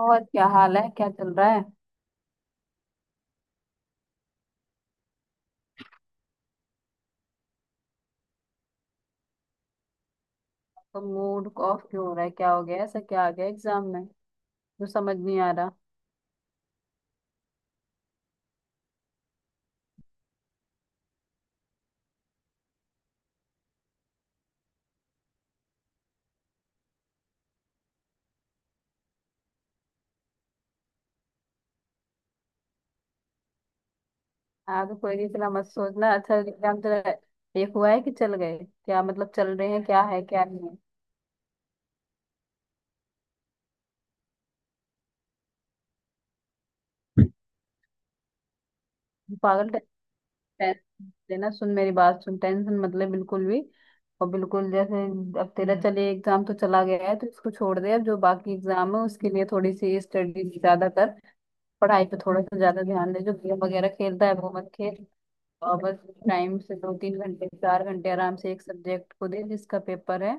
और क्या हाल है, क्या चल रहा है? तो मूड ऑफ क्यों हो रहा है, क्या हो गया? ऐसा क्या आ गया एग्जाम में जो समझ नहीं आ रहा? आगे कोई नहीं, इतना मत सोचना। अच्छा, एग्जाम चल रहा है, एक हुआ है कि चल गए? क्या मतलब, चल रहे हैं क्या, है क्या नहीं है? पागल टेंशन लेना, सुन मेरी बात सुन, टेंशन मतलब बिल्कुल भी। और बिल्कुल जैसे अब तेरा चले, एग्जाम तो चला गया है तो इसको छोड़ दे। अब जो बाकी एग्जाम है उसके लिए थोड़ी सी स्टडी ज्यादा कर। पढ़ाई पे थोड़ा सा ज्यादा ध्यान दे, जो गेम वगैरह खेलता है वो मत खेल। और बस टाइम से 2 3 घंटे, 4 घंटे आराम से एक सब्जेक्ट को दे जिसका पेपर है।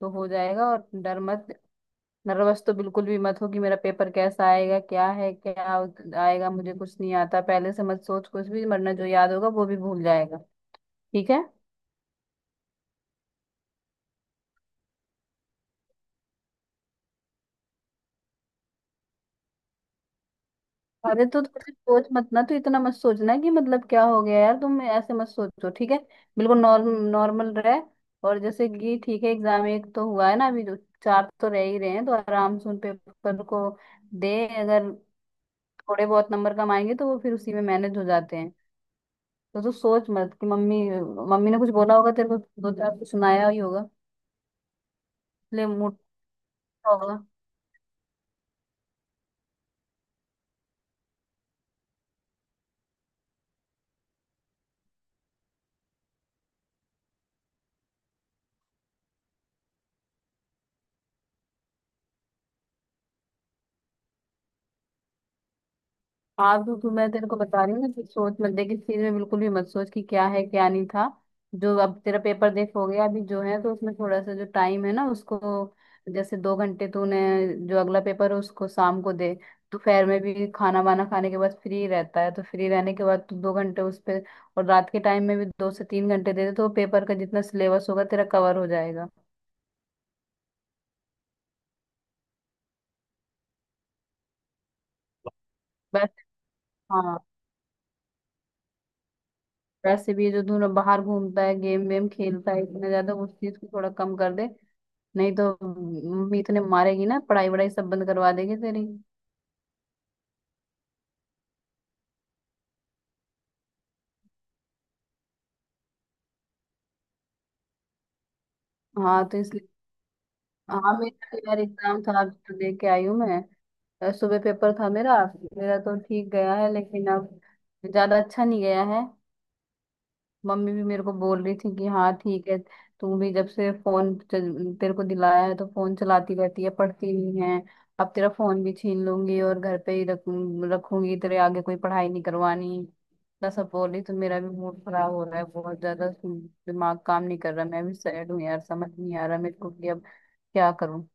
तो हो जाएगा, और डर मत। नर्वस तो बिल्कुल भी मत हो कि मेरा पेपर कैसा आएगा, क्या है क्या आएगा, मुझे कुछ नहीं आता। पहले से मत सोच कुछ भी, वरना जो याद होगा वो भी भूल जाएगा। ठीक है? अरे तो थोड़ी सोच मत ना, तो इतना मत सोचना कि मतलब क्या हो गया यार। तुम ऐसे मत सोचो, ठीक है? बिल्कुल नॉर्मल रहे। और जैसे कि ठीक है, एग्जाम एक तो हुआ है ना अभी जो, चार तो रह ही रहे हैं, तो आराम से उन पेपर को दे। अगर थोड़े बहुत नंबर कमाएंगे तो वो फिर उसी में मैनेज हो जाते हैं। तो तू सोच मत कि मम्मी मम्मी ने कुछ बोला होगा, तेरे को दो चार कुछ सुनाया ही होगा। इसलिए मूड होगा। हाँ, तो मैं तेरे को बता रही हूँ ना कि सोच मत। देख इस चीज में बिल्कुल भी मत सोच कि क्या है क्या नहीं था। जो अब तेरा पेपर देख हो गया अभी जो है, तो उसमें थोड़ा सा जो टाइम है ना उसको, जैसे 2 घंटे तूने, जो अगला पेपर है उसको शाम को दे। दोपहर में भी खाना वाना खाने के बाद फ्री रहता है, तो फ्री रहने के बाद तू 2 घंटे उस पे। और रात के टाइम में भी 2 से 3 घंटे दे दे, तो पेपर का जितना सिलेबस होगा तेरा कवर हो जाएगा। वैसे, हाँ, वैसे भी जो तू ना बाहर घूमता है, गेम वेम खेलता है इतना ज्यादा, उस चीज को थोड़ा कम कर दे। नहीं तो मीत ने मारेगी ना, पढ़ाई वढ़ाई सब बंद करवा देगी तेरी। हाँ, तो इसलिए। हाँ, मेरा भी यार एग्जाम था, अभी तो दे के आई हूँ मैं। सुबह पेपर था मेरा। मेरा तो ठीक गया है, लेकिन अब ज्यादा अच्छा नहीं गया है। मम्मी भी मेरे को बोल रही थी कि हाँ ठीक है। तू भी जब से फोन तेरे को दिलाया है, तो फोन चलाती रहती है, पढ़ती नहीं है। अब तेरा फोन भी छीन लूंगी और घर पे ही रख रखूंगी, तेरे आगे कोई पढ़ाई नहीं करवानी। इतना सब बोली, तो मेरा भी मूड खराब हो रहा है बहुत ज्यादा। दिमाग काम नहीं कर रहा, मैं भी सैड हूँ यार, समझ नहीं आ रहा मेरे को कि अब क्या करूँ।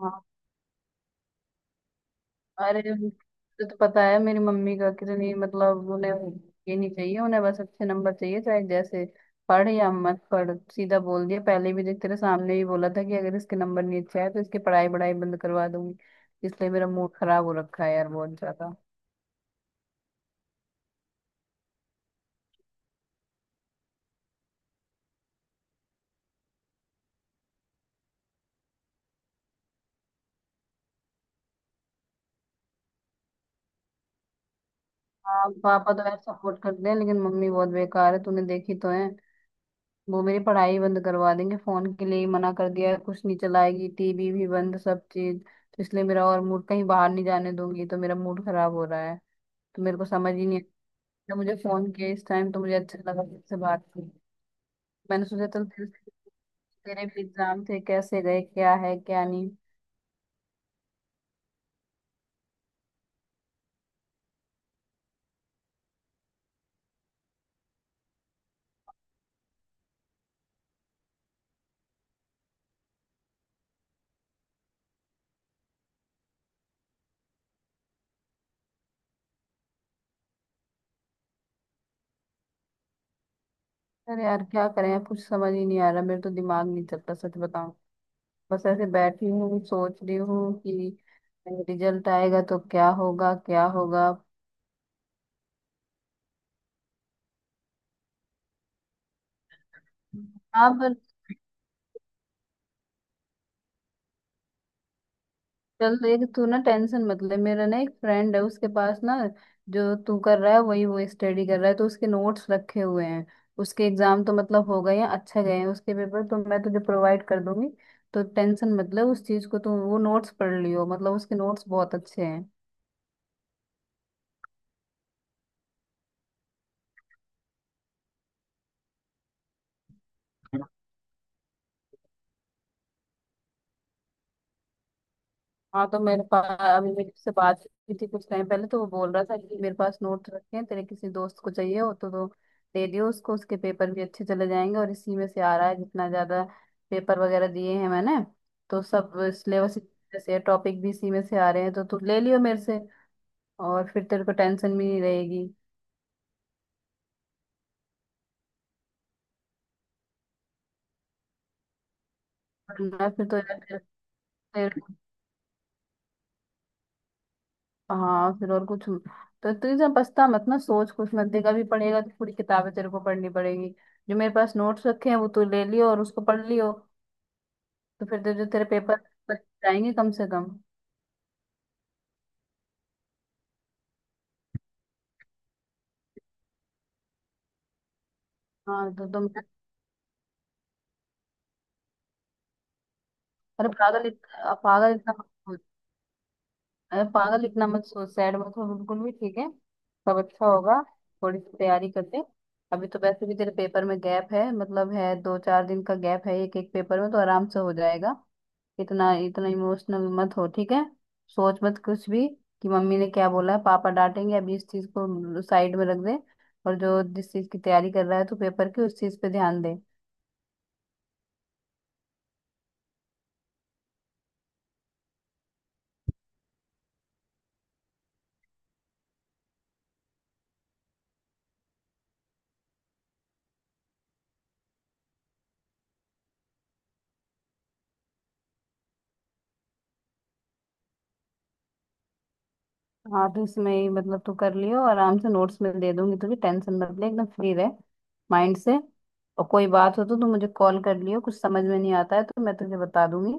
हाँ। अरे तुझे तो पता है मेरी मम्मी का, कितनी मतलब उन्हें ये नहीं चाहिए। उन्हें बस अच्छे नंबर चाहिए, चाहे जैसे पढ़ या मत पढ़। सीधा बोल दिया, पहले भी देख तेरे सामने ही बोला था कि अगर इसके नंबर नहीं अच्छे आए तो इसकी पढ़ाई बढ़ाई बंद करवा दूंगी। इसलिए मेरा मूड खराब हो रखा है यार, बहुत ज्यादा। हाँ, पापा तो यार सपोर्ट करते हैं, लेकिन मम्मी बहुत बेकार है, तूने देखी तो है। वो मेरी पढ़ाई बंद करवा देंगे, फोन के लिए ही मना कर दिया है, कुछ नहीं चलाएगी, टीवी भी बंद, सब चीज। तो इसलिए मेरा और मूड, कहीं बाहर नहीं जाने दूंगी, तो मेरा मूड खराब हो रहा है। तो मेरे को समझ ही नहीं आता। मुझे फोन किया इस टाइम तो मुझे अच्छा लगा तुझसे बात की। मैंने सोचा चल, तेरे भी एग्जाम थे, कैसे गए, क्या है क्या नहीं? अरे यार क्या करें यार, कुछ समझ ही नहीं आ रहा, मेरे तो दिमाग नहीं चलता, सच बताऊं। बस ऐसे बैठी हूँ सोच रही हूँ कि रिजल्ट आएगा तो क्या होगा, क्या होगा। आप। चल देख, तू ना टेंशन मत ले। मेरा ना एक फ्रेंड है, उसके पास ना जो तू कर रहा है वही वो स्टडी कर रहा है, तो उसके नोट्स रखे हुए हैं। उसके एग्जाम तो मतलब हो गए हैं, अच्छे गए हैं, उसके पेपर तो मैं तुझे प्रोवाइड कर दूंगी। तो टेंशन मत ले उस चीज को, तू वो नोट्स पढ़ लियो, मतलब उसके नोट्स बहुत अच्छे हैं। हाँ, तो मेरे पास अभी मेरे से बात हुई थी कुछ टाइम पहले, तो वो बोल रहा था कि मेरे पास नोट्स रखे हैं, तेरे किसी दोस्त को चाहिए हो तो दे दियो उसको। उसके पेपर भी अच्छे चले जाएंगे, और इसी में से आ रहा है जितना ज्यादा पेपर वगैरह दिए हैं मैंने, तो सब सिलेबस से टॉपिक भी इसी में से आ रहे हैं, तो तू ले लियो मेरे से। और फिर तेरे को टेंशन भी नहीं रहेगी। वरना फिर तो यार तेरे- हाँ, फिर और कुछ, तो तू जब पछता मत ना, सोच कुछ मत। देखा भी पड़ेगा तो पूरी किताबें तेरे को पढ़नी पड़ेगी। जो मेरे पास नोट्स रखे हैं, वो तू ले लियो और उसको पढ़ लियो। तो फिर तेरे जो तेरे पेपर बच जाएंगे कम से कम। हाँ, तो तुम। अरे पागल इत- पागल इतना मत अरे पागल इतना मत सोच, सैड मत हो बिल्कुल भी, ठीक है? सब अच्छा होगा। थोड़ी सी तैयारी करते। अभी तो वैसे भी तेरे पेपर में गैप है, मतलब है, दो चार दिन का गैप है, एक एक पेपर में तो आराम से हो जाएगा। इतना इतना इमोशनल मत हो, ठीक है? सोच मत कुछ भी कि मम्मी ने क्या बोला है, पापा डांटेंगे। अभी इस चीज को साइड में रख दे। और जो जिस चीज की तैयारी कर रहा है, तो पेपर की उस चीज पे ध्यान दे। हाँ, तो इसमें ही मतलब तू कर लियो आराम से। नोट्स में दे दूंगी तुझे, टेंशन मत ले, एकदम फ्री रह माइंड से। और कोई बात हो तो तू मुझे कॉल कर लियो, कुछ समझ में नहीं आता है तो मैं तुझे बता दूंगी,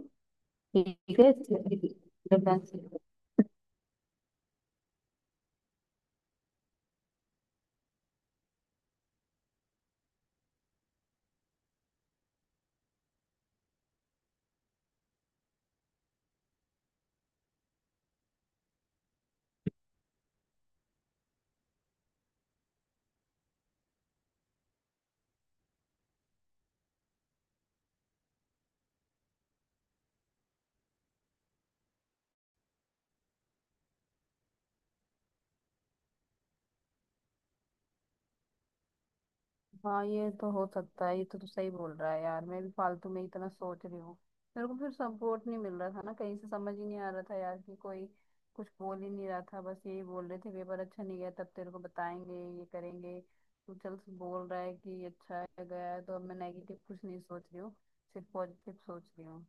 ठीक है? हाँ, ये तो हो सकता है, ये तो तू सही बोल रहा है यार, मैं भी फालतू में इतना सोच रही हूँ। मेरे को फिर सपोर्ट नहीं मिल रहा था ना कहीं से, समझ ही नहीं आ रहा था यार कि कोई कुछ बोल ही नहीं रहा था। बस यही बोल रहे थे, पेपर अच्छा नहीं गया, तब तेरे को बताएंगे, ये करेंगे। तू चल बोल रहा है कि अच्छा है, गया है, तो अब मैं नेगेटिव कुछ नहीं सोच रही हूँ, सिर्फ पॉजिटिव सोच रही हूँ।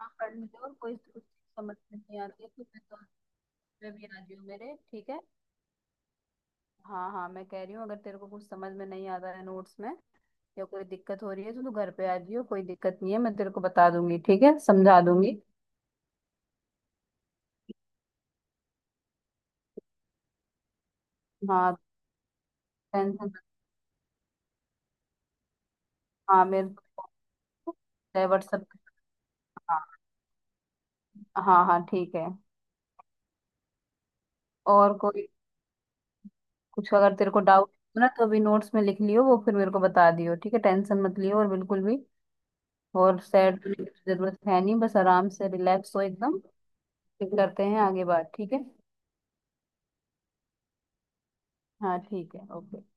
हाँ, कर लेते। और कोई कुछ समझ में नहीं आती है तो मैं तो, मैं भी राजी हूँ मेरे, ठीक है। हाँ हाँ, मैं कह रही हूँ अगर तेरे को कुछ समझ में नहीं आता है नोट्स में, या कोई दिक्कत हो रही है, तो तू घर पे आ जियो, कोई दिक्कत नहीं है, मैं तेरे को बता दूंगी, ठीक है, समझा दूंगी। हाँ। टेंशन। हाँ, मेरे को। चाहे WhatsApp। हाँ। हाँ हाँ, ठीक है। और कोई कुछ अगर तेरे को डाउट हो ना, तो अभी नोट्स में लिख लियो, वो फिर मेरे को बता दियो, ठीक है? टेंशन मत लियो और बिल्कुल भी। और सैड होने की जरूरत है नहीं, बस आराम से रिलैक्स हो एकदम। फिर करते हैं आगे बात, ठीक है? हाँ, ठीक है, ओके।